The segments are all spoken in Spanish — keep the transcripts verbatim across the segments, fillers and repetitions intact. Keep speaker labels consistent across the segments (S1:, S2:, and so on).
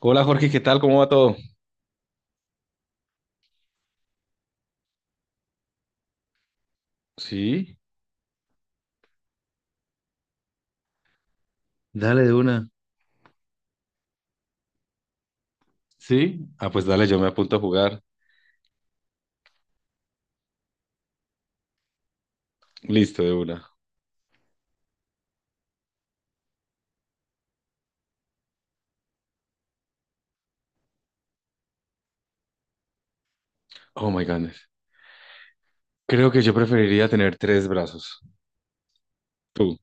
S1: Hola Jorge, ¿qué tal? ¿Cómo va todo? Sí. Dale de una. Sí. Ah, pues dale, yo me apunto a jugar. Listo, de una. Oh my goodness. Creo que yo preferiría tener tres brazos. Tú.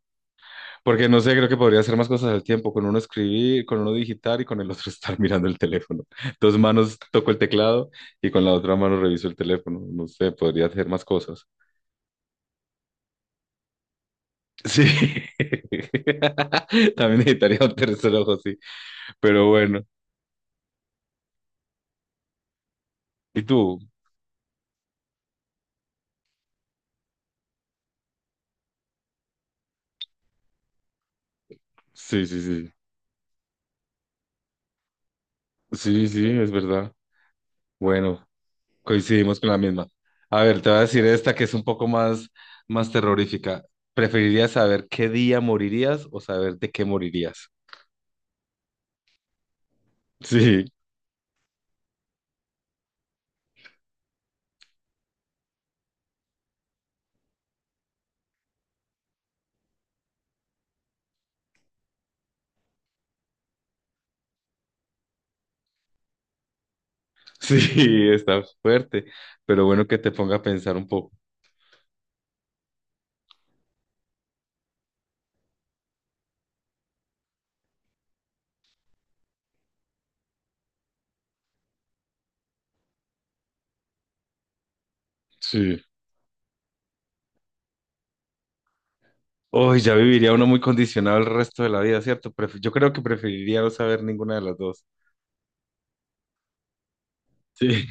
S1: Porque no sé, creo que podría hacer más cosas al tiempo. Con uno escribir, con uno digitar y con el otro estar mirando el teléfono. Dos manos toco el teclado y con la otra mano reviso el teléfono. No sé, podría hacer más cosas. Sí. También necesitaría un tercer ojo, sí. Pero bueno. ¿Y tú? Sí, sí, sí. Sí, sí, es verdad. Bueno, coincidimos con la misma. A ver, te voy a decir esta que es un poco más, más terrorífica. ¿Preferirías saber qué día morirías o saber de qué morirías? Sí, sí, está fuerte, pero bueno que te ponga a pensar un poco. Sí. Hoy ya viviría uno muy condicionado el resto de la vida, ¿cierto? Pref- yo creo que preferiría no saber ninguna de las dos. Sí.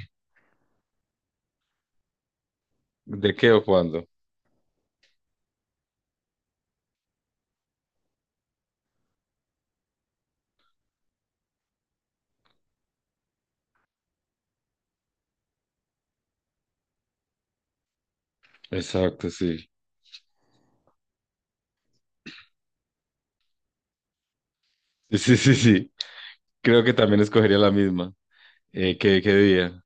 S1: ¿De qué o cuándo? Exacto, sí. Sí, sí, sí, sí. Creo que también escogería la misma. Eh, ¿qué, qué día?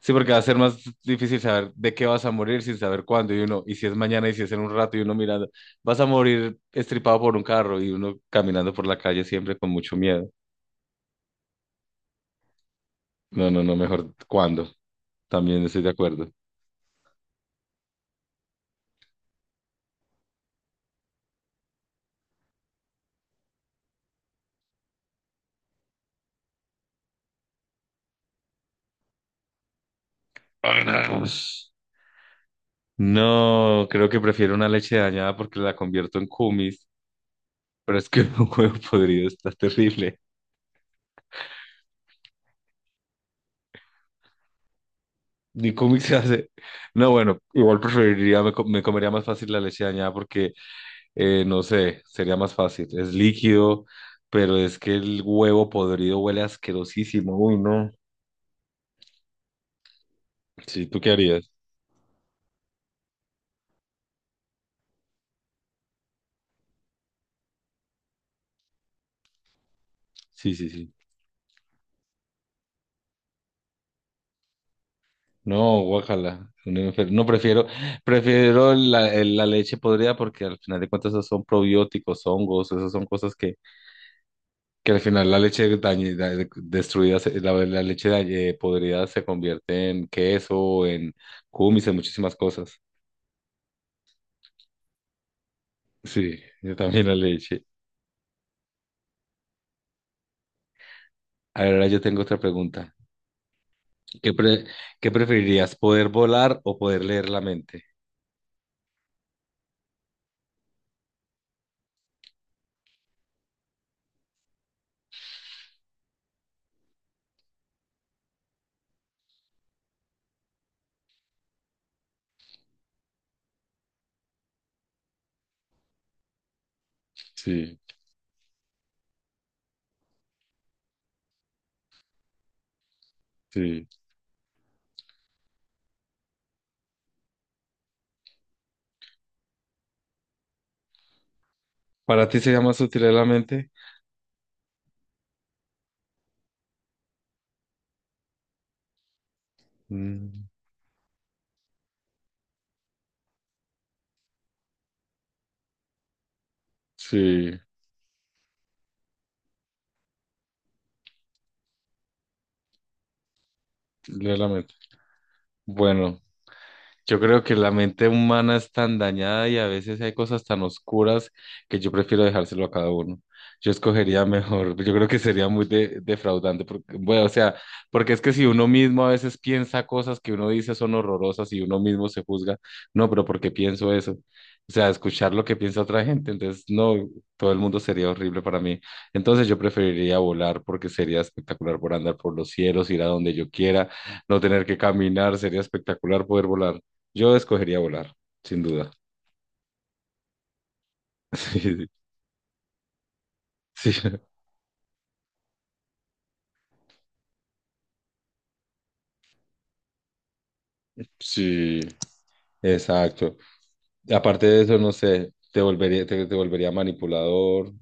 S1: Sí, porque va a ser más difícil saber de qué vas a morir sin saber cuándo y uno, y si es mañana y si es en un rato y uno mirando, vas a morir estripado por un carro y uno caminando por la calle siempre con mucho miedo. No, no, no, mejor cuándo. También estoy de acuerdo. Ay, no. No, creo que prefiero una leche dañada porque la convierto en kumis, pero es que un huevo podrido está terrible. Ni kumis se hace. No, bueno, igual preferiría, me, co- me comería más fácil la leche dañada porque Eh, no sé, sería más fácil. Es líquido, pero es que el huevo podrido huele asquerosísimo. Uy, no. Sí, ¿tú qué harías? Sí, sí, sí. No, guácala. Un enfer- no, prefiero, prefiero la, el- la leche podrida porque al final de cuentas esos son probióticos, hongos, esas son cosas que, que al final la leche dañi- da- destruida, se- la, la leche dañi- eh, podrida se convierte en queso, en cumis, en muchísimas cosas. Sí, yo también la leche. Ahora yo tengo otra pregunta. ¿Qué, pre- qué preferirías, poder volar o poder leer la mente? Sí, sí. ¿Para ti sería más útil leer la mente? Mm, sí, leer la mente. Bueno. Yo creo que la mente humana es tan dañada y a veces hay cosas tan oscuras que yo prefiero dejárselo a cada uno. Yo escogería mejor, yo creo que sería muy de- defraudante, porque, bueno, o sea, porque es que si uno mismo a veces piensa cosas que uno dice son horrorosas y uno mismo se juzga, no, pero ¿por qué pienso eso? O sea, escuchar lo que piensa otra gente, entonces no, todo el mundo sería horrible para mí. Entonces yo preferiría volar porque sería espectacular por andar por los cielos, ir a donde yo quiera, no tener que caminar, sería espectacular poder volar. Yo escogería volar, sin duda. Sí, sí, sí, sí, exacto. Aparte de eso, no sé, te volvería, te, te volvería manipulador.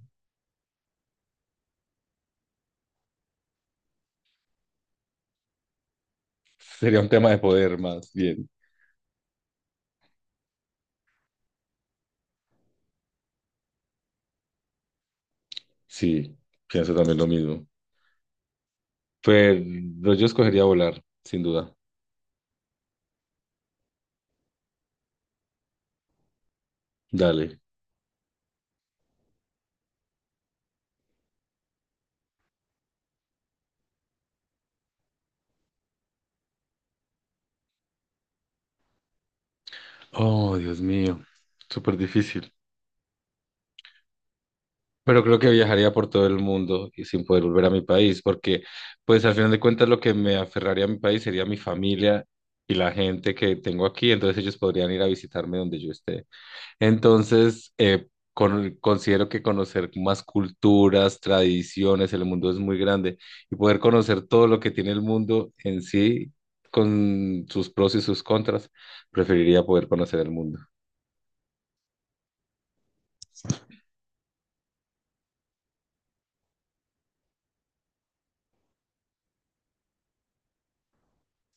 S1: Sería un tema de poder más bien. Sí, pienso también lo mismo. Pero yo escogería volar, sin duda. Dale. Oh, Dios mío, súper difícil. Pero creo que viajaría por todo el mundo y sin poder volver a mi país, porque pues al final de cuentas lo que me aferraría a mi país sería mi familia y la gente que tengo aquí, entonces ellos podrían ir a visitarme donde yo esté. Entonces, eh, con- considero que conocer más culturas, tradiciones, el mundo es muy grande y poder conocer todo lo que tiene el mundo en sí, con sus pros y sus contras, preferiría poder conocer el mundo.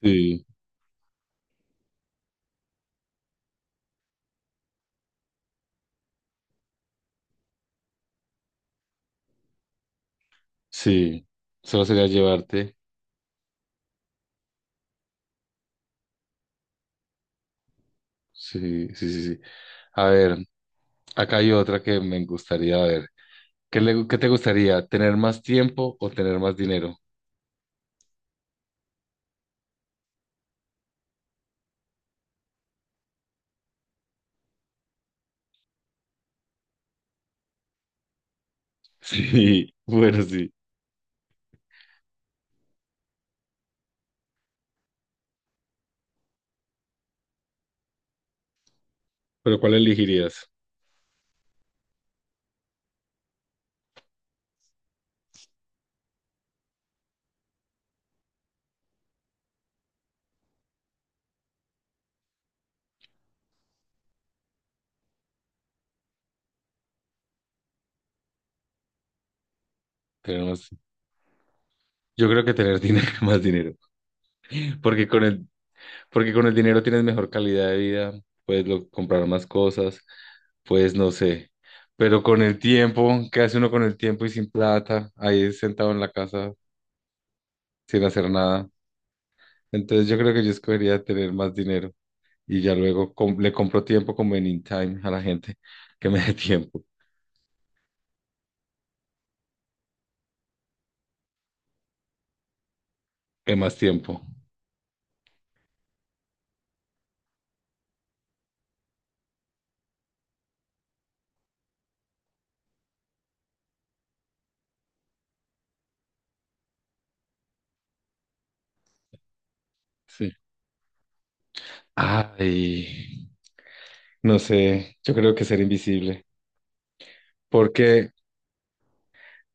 S1: Sí, sí, solo sería llevarte. Sí, sí, sí, sí. A ver, acá hay otra que me gustaría ver. ¿Qué le, qué te gustaría? ¿Tener más tiempo o tener más dinero? Sí, bueno, sí. ¿Pero cuál elegirías? Tener más. Yo creo que tener dinero, más dinero. Porque con el, porque con el dinero tienes mejor calidad de vida, puedes lo- comprar más cosas, pues no sé. Pero con el tiempo, ¿qué hace uno con el tiempo y sin plata? Ahí sentado en la casa sin hacer nada. Entonces yo creo que yo escogería tener más dinero, y ya luego com- le compro tiempo como en in time a la gente que me dé tiempo, que más tiempo. Sí. Ay, no sé, yo creo que ser invisible. Porque,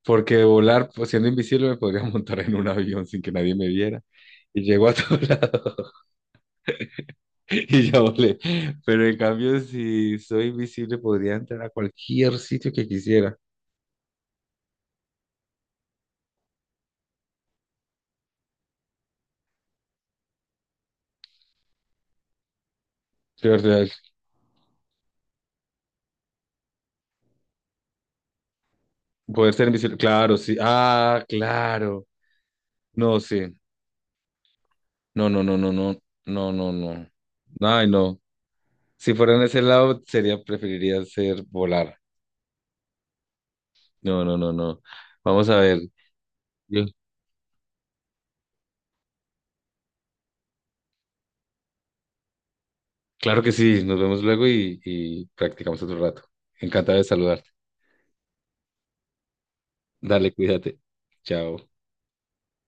S1: porque volar pues, siendo invisible me podría montar en un avión sin que nadie me viera y llego a todo lado y ya volé. Pero en cambio, si soy invisible, podría entrar a cualquier sitio que quisiera. De verdad, poder ser invisible. Claro, sí. Ah, claro. No, sí. No, no, no, no, no, no, no, no. Ay, no. Si fuera en ese lado, sería, preferiría ser volar. No, no, no, no. Vamos a ver. Yo- claro que sí, nos vemos luego y, y practicamos otro rato. Encantado de saludarte. Dale, cuídate. Chao.